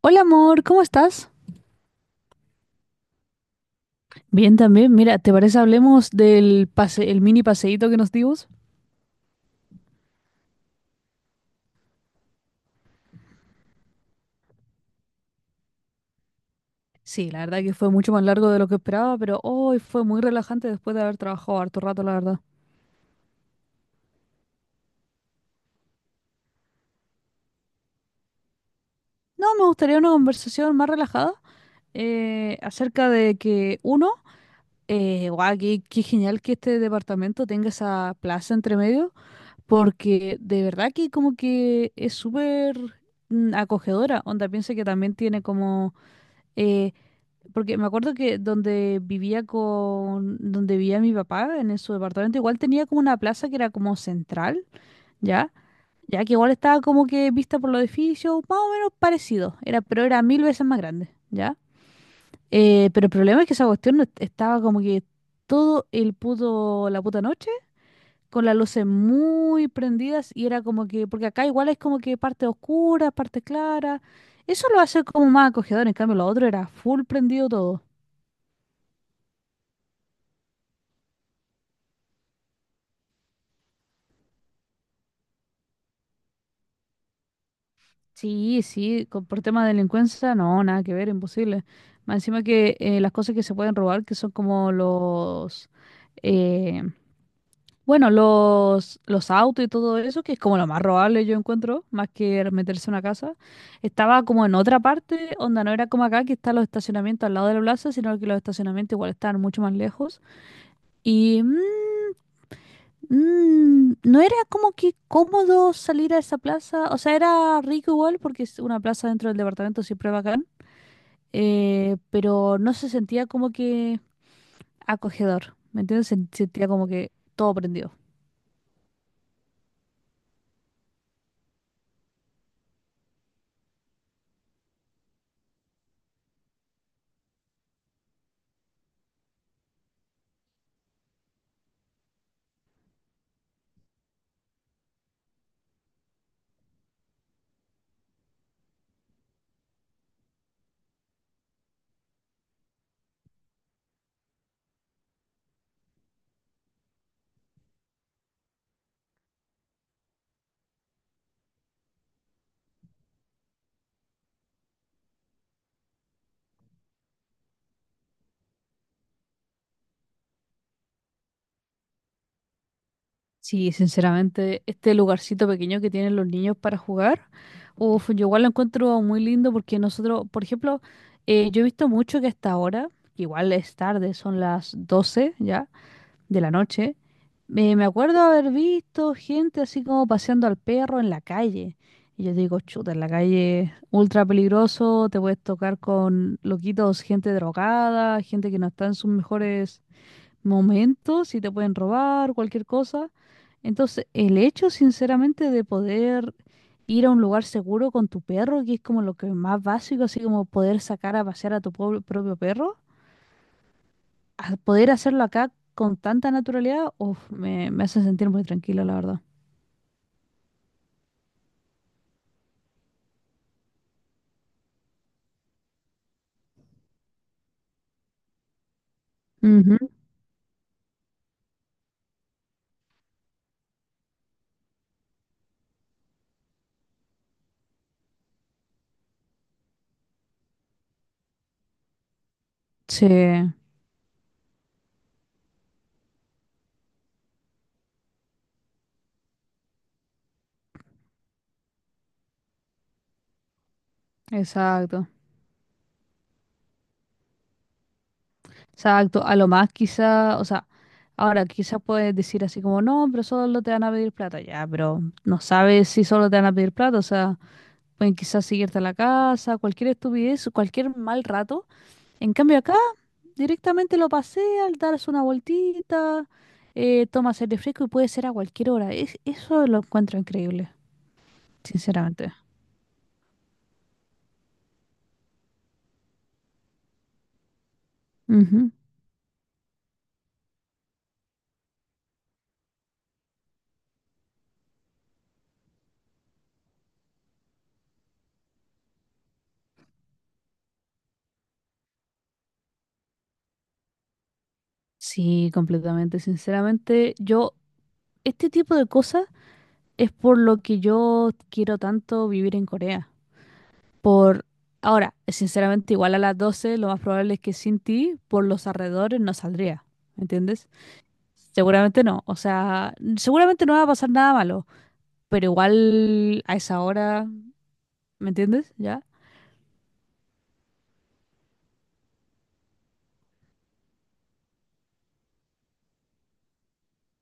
Hola amor, ¿cómo estás? Bien, también, mira, ¿te parece hablemos del pase, el mini paseíto que nos dimos? Sí, la verdad que fue mucho más largo de lo que esperaba, pero hoy fue muy relajante después de haber trabajado harto rato, la verdad. No, me gustaría una conversación más relajada acerca de que uno, guau, qué genial que este departamento tenga esa plaza entre medio, porque de verdad que como que es súper acogedora. Onda, piensa que también tiene como... eh, Porque me acuerdo que donde vivía donde vivía mi papá, en su departamento, igual tenía como una plaza que era como central, ¿ya? Ya que igual estaba como que vista por los edificios, más o menos parecido, era, pero era mil veces más grande, ¿ya? Pero el problema es que esa cuestión no est- estaba como que todo el puto, la puta noche, con las luces muy prendidas, y era como que, porque acá igual es como que parte oscura, parte clara, eso lo hace como más acogedor, en cambio lo otro era full prendido todo. Sí, sí, por tema de delincuencia, no, nada que ver, imposible. Más encima que las cosas que se pueden robar, que son como eh, bueno, los autos y todo eso, que es como lo más robable yo encuentro, más que meterse en una casa, estaba como en otra parte, onda no era como acá, que están los estacionamientos al lado de la plaza, sino que los estacionamientos igual están mucho más lejos. Y mm, no era como que cómodo salir a esa plaza. O sea, era rico igual porque es una plaza dentro del departamento, siempre bacán. Pero no se sentía como que acogedor. ¿Me entiendes? Se sentía como que todo prendido. Sí, sinceramente, este lugarcito pequeño que tienen los niños para jugar, uf, yo igual lo encuentro muy lindo porque nosotros, por ejemplo, yo he visto mucho que hasta ahora, que igual es tarde, son las 12 ya de la noche. Me acuerdo haber visto gente así como paseando al perro en la calle. Y yo digo, chuta, en la calle, ultra peligroso, te puedes tocar con loquitos, gente drogada, gente que no está en sus mejores momentos y te pueden robar, cualquier cosa. Entonces, el hecho, sinceramente, de poder ir a un lugar seguro con tu perro, que es como lo que más básico, así como poder sacar a pasear a tu propio perro, a poder hacerlo acá con tanta naturalidad, uf, me hace sentir muy tranquilo, la verdad. Ujú. Sí, exacto. Exacto. A lo más quizá, o sea, ahora quizás puedes decir así como, no, pero solo te van a pedir plata, ya, pero no sabes si solo te van a pedir plata, o sea, pueden quizás seguirte a la casa, cualquier estupidez, cualquier mal rato. En cambio acá, directamente lo paseas, das una vueltita, tomas aire fresco y puede ser a cualquier hora. Es, eso lo encuentro increíble, sinceramente. Ujú. Sí, completamente. Sinceramente, yo, este tipo de cosas es por lo que yo quiero tanto vivir en Corea. Por ahora, sinceramente, igual a las 12 lo más probable es que sin ti, por los alrededores, no saldría. ¿Me entiendes? Seguramente no. O sea, seguramente no va a pasar nada malo. Pero igual a esa hora, ¿me entiendes? ¿Ya?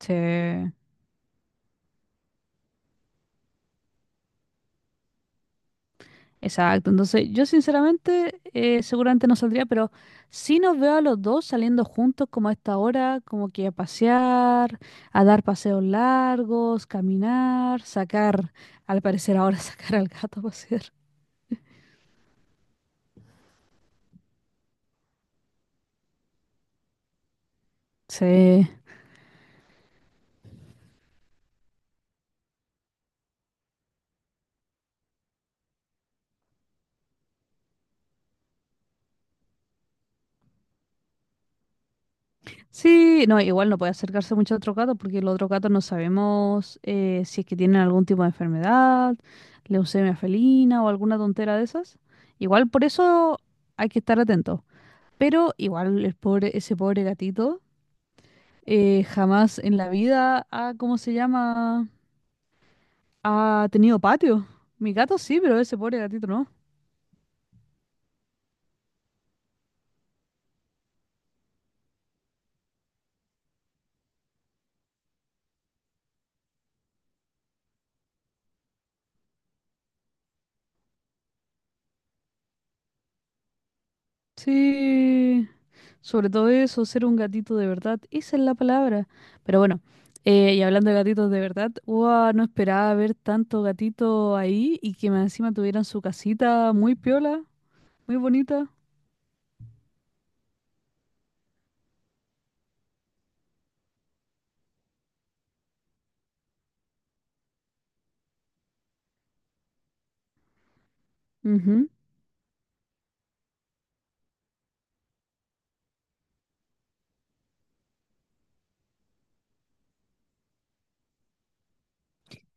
Sí. Exacto, entonces yo sinceramente seguramente no saldría, pero sí nos veo a los dos saliendo juntos como a esta hora, como que a pasear, a dar paseos largos, caminar, sacar, al parecer ahora sacar al gato a pasear. Sí. Sí, no, igual no puede acercarse mucho a otro gato porque los otros gatos no sabemos si es que tienen algún tipo de enfermedad, leucemia felina o alguna tontera de esas. Igual por eso hay que estar atento. Pero igual el pobre, ese pobre gatito jamás en la vida ha, ¿cómo se llama? Ha tenido patio. Mi gato sí, pero ese pobre gatito no. Sí, sobre todo eso, ser un gatito de verdad, esa es la palabra. Pero bueno, y hablando de gatitos de verdad, ¡guau! No esperaba ver tanto gatito ahí y que más encima tuvieran su casita muy piola, muy bonita. Ujú.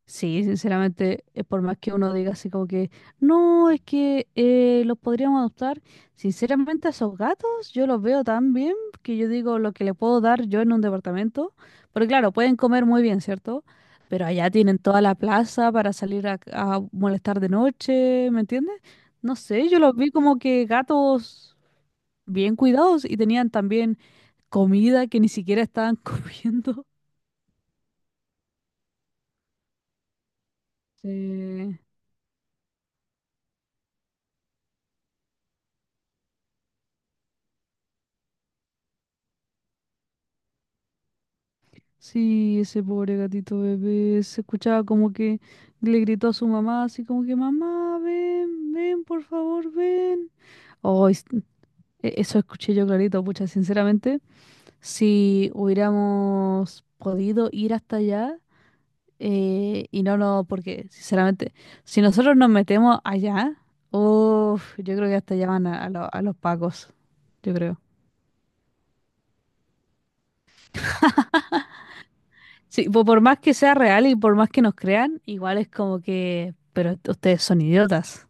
Sí, sinceramente, por más que uno diga así como que, no, es que los podríamos adoptar, sinceramente a esos gatos yo los veo tan bien que yo digo lo que le puedo dar yo en un departamento, porque claro, pueden comer muy bien, ¿cierto? Pero allá tienen toda la plaza para salir a molestar de noche, ¿me entiendes? No sé, yo los vi como que gatos bien cuidados y tenían también comida que ni siquiera estaban comiendo. Sí. Sí, ese pobre gatito bebé se escuchaba como que le gritó a su mamá, así como que, mamá, ven, ven, por favor, ven. Oh, eso escuché yo clarito, pucha, sinceramente, si hubiéramos podido ir hasta allá, y no, no, porque, sinceramente, si nosotros nos metemos allá, uff, yo creo que hasta allá van a, a los pacos, yo creo. Sí, por más que sea real y por más que nos crean, igual es como que, pero ustedes son idiotas.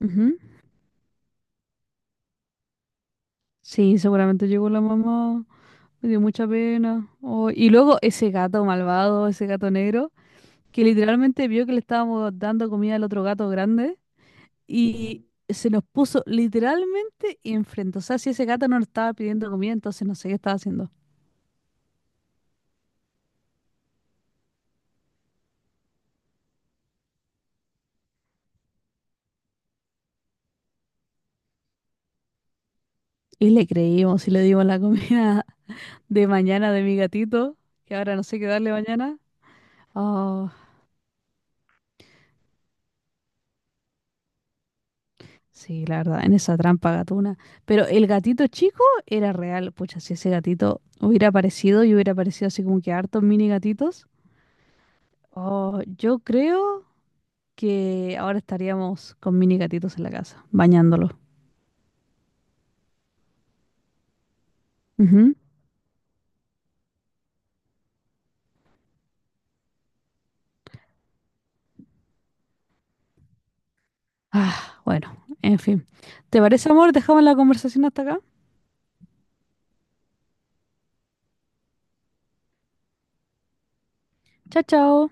Ujú. Sí, seguramente llegó la mamá, me dio mucha pena. Oh, y luego ese gato malvado, ese gato negro, que literalmente vio que le estábamos dando comida al otro gato grande y se nos puso literalmente enfrente. O sea, si ese gato no nos estaba pidiendo comida, entonces no sé qué estaba haciendo. Y le creímos y le dimos la comida de mañana de mi gatito, que ahora no sé qué darle mañana. Ah, sí, la verdad, en esa trampa gatuna. Pero el gatito chico era real. Pucha, si ese gatito hubiera aparecido y hubiera aparecido así como que hartos mini gatitos, oh, yo creo que ahora estaríamos con mini gatitos en la casa, bañándolos. Ujú. Ah, bueno, en fin. ¿Te parece, amor? Dejamos la conversación hasta acá. Chao, chao.